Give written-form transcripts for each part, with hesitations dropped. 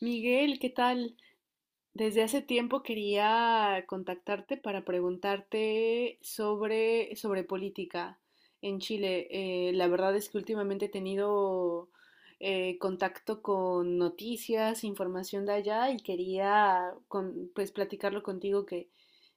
Miguel, ¿qué tal? Desde hace tiempo quería contactarte para preguntarte sobre política en Chile. La verdad es que últimamente he tenido contacto con noticias, información de allá y quería pues platicarlo contigo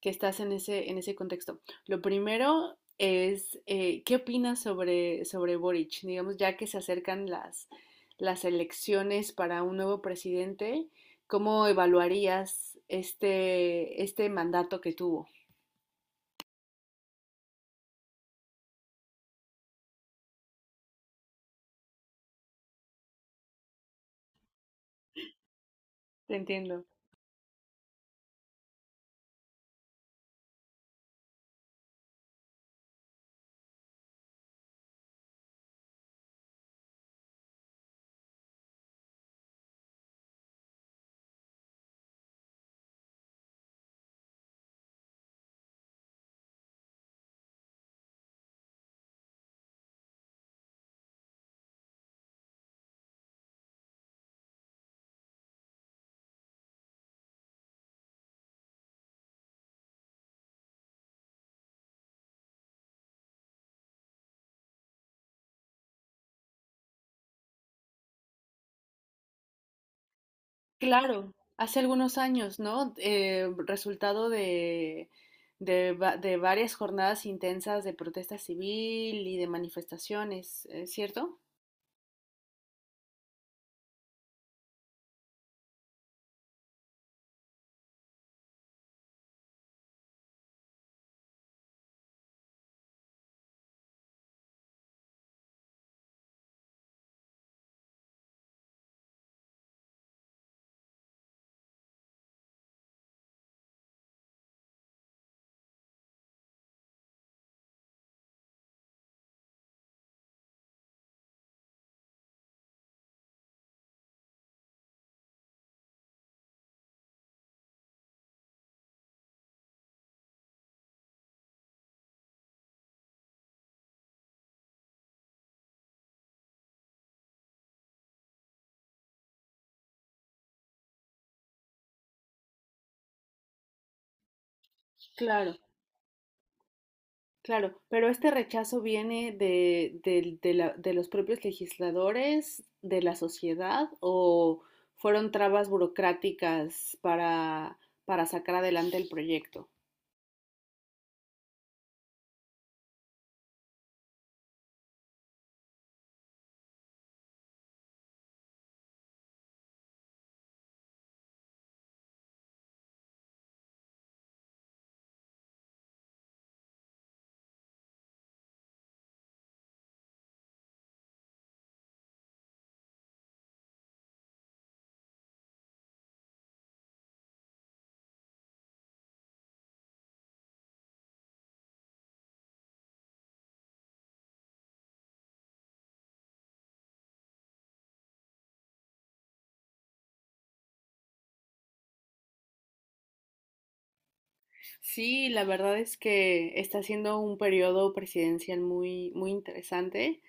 que estás en en ese contexto. Lo primero es, ¿qué opinas sobre Boric? Digamos, ya que se acercan las elecciones para un nuevo presidente, ¿cómo evaluarías este mandato que tuvo? Te entiendo. Claro, hace algunos años, ¿no? Resultado de varias jornadas intensas de protesta civil y de manifestaciones, ¿eh? ¿Cierto? Claro. Claro, pero este rechazo viene de los propios legisladores, de la sociedad, o fueron trabas burocráticas para sacar adelante el proyecto. Sí, la verdad es que está siendo un periodo presidencial muy interesante.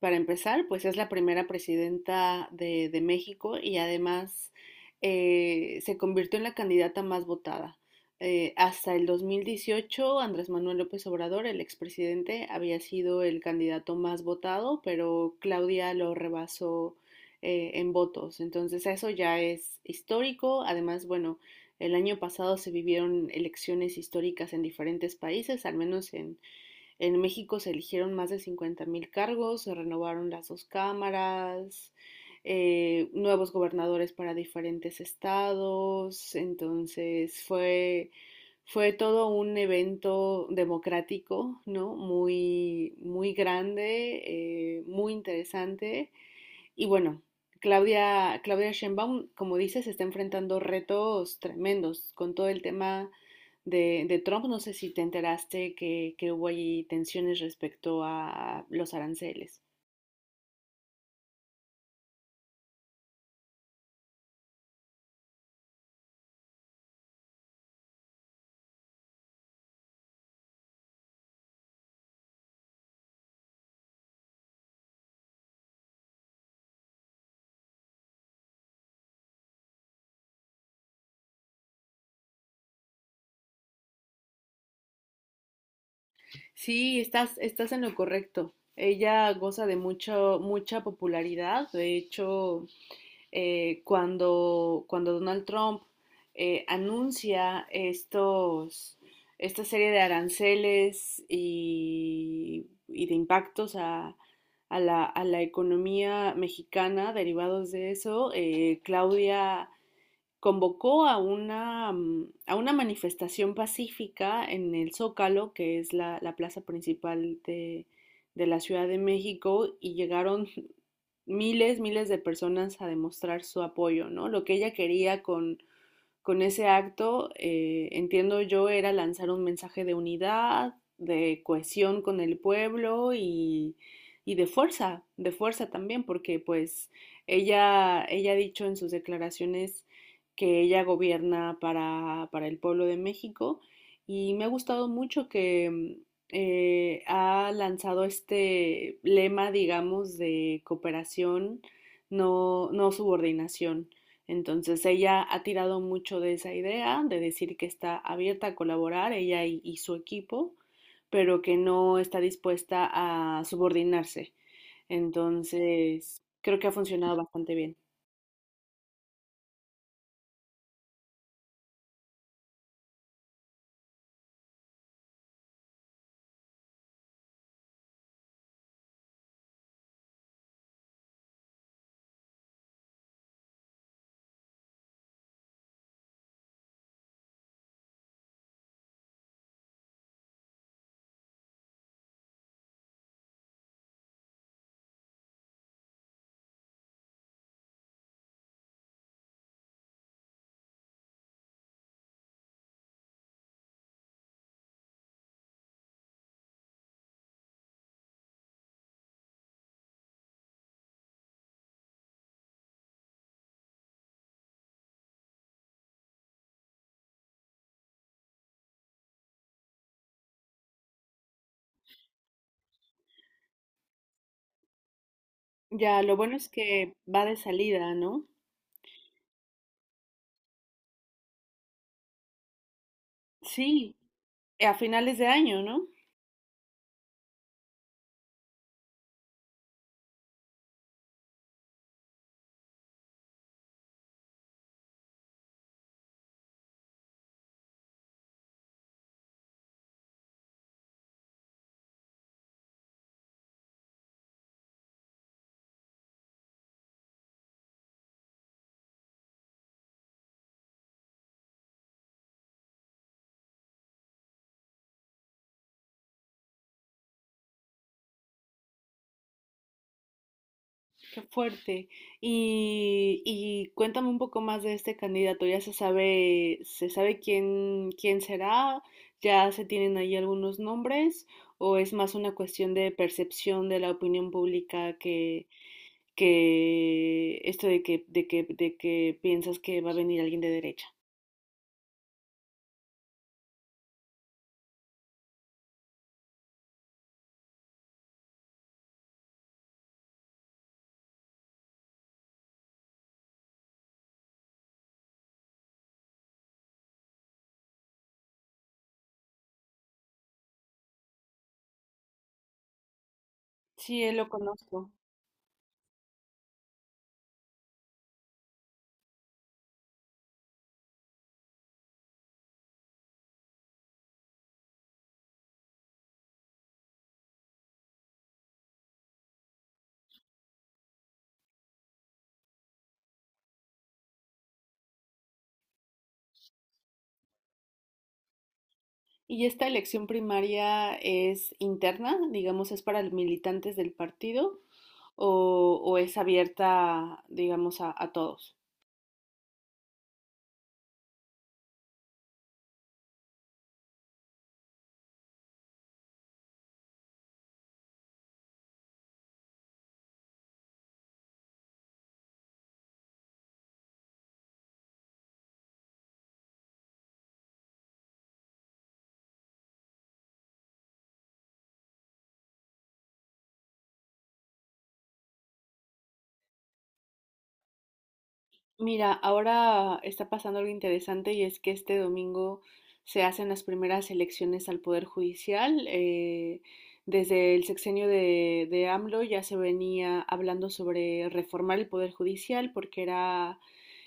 Para empezar, pues es la primera presidenta de México y además se convirtió en la candidata más votada. Hasta el 2018 Andrés Manuel López Obrador, el expresidente, había sido el candidato más votado, pero Claudia lo rebasó en votos. Entonces eso ya es histórico. Además, bueno, el año pasado se vivieron elecciones históricas en diferentes países, al menos en México se eligieron más de 50 mil cargos, se renovaron las dos cámaras, nuevos gobernadores para diferentes estados, entonces fue todo un evento democrático, ¿no? Muy grande, muy interesante y bueno, Claudia Sheinbaum, como dices, está enfrentando retos tremendos con todo el tema de Trump. No sé si te enteraste que hubo allí tensiones respecto a los aranceles. Sí, estás en lo correcto. Ella goza de mucho, mucha popularidad. De hecho, cuando Donald Trump anuncia estos, esta serie de aranceles y de impactos a la economía mexicana derivados de eso, Claudia convocó a una manifestación pacífica en el Zócalo, que es la plaza principal de la Ciudad de México, y llegaron miles, miles de personas a demostrar su apoyo, ¿no? Lo que ella quería con ese acto, entiendo yo, era lanzar un mensaje de unidad, de cohesión con el pueblo y de fuerza también, porque pues ella ha dicho en sus declaraciones que ella gobierna para el pueblo de México y me ha gustado mucho que ha lanzado este lema, digamos, de cooperación, no, no subordinación. Entonces ella ha tirado mucho de esa idea, de decir que está abierta a colaborar, ella y su equipo, pero que no está dispuesta a subordinarse. Entonces, creo que ha funcionado bastante bien. Ya, lo bueno es que va de salida, ¿no? Sí, a finales de año, ¿no? Qué fuerte. Y cuéntame un poco más de este candidato. ¿Ya se sabe quién será? ¿Ya se tienen ahí algunos nombres? ¿O es más una cuestión de percepción de la opinión pública que esto de que piensas que va a venir alguien de derecha? Sí, él lo conozco. Y esta elección primaria es interna, digamos, es para los militantes del partido o es abierta, digamos, a todos. Mira, ahora está pasando algo interesante y es que este domingo se hacen las primeras elecciones al Poder Judicial. Desde el sexenio de AMLO ya se venía hablando sobre reformar el Poder Judicial porque era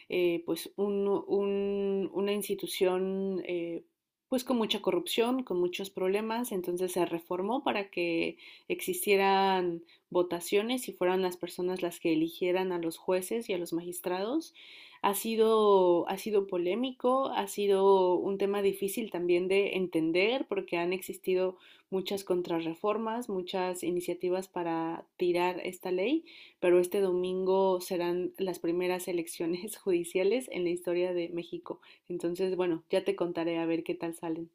pues una institución pues con mucha corrupción, con muchos problemas, entonces se reformó para que existieran votaciones y fueran las personas las que eligieran a los jueces y a los magistrados. Ha sido polémico, ha sido un tema difícil también de entender porque han existido muchas contrarreformas, muchas iniciativas para tirar esta ley, pero este domingo serán las primeras elecciones judiciales en la historia de México. Entonces, bueno, ya te contaré a ver qué tal salen.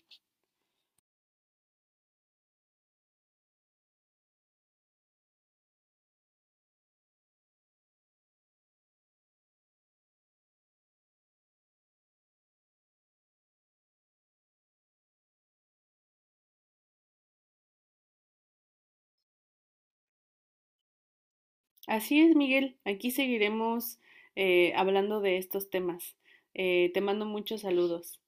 Así es, Miguel, aquí seguiremos hablando de estos temas. Te mando muchos saludos.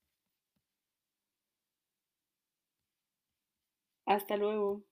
Hasta luego.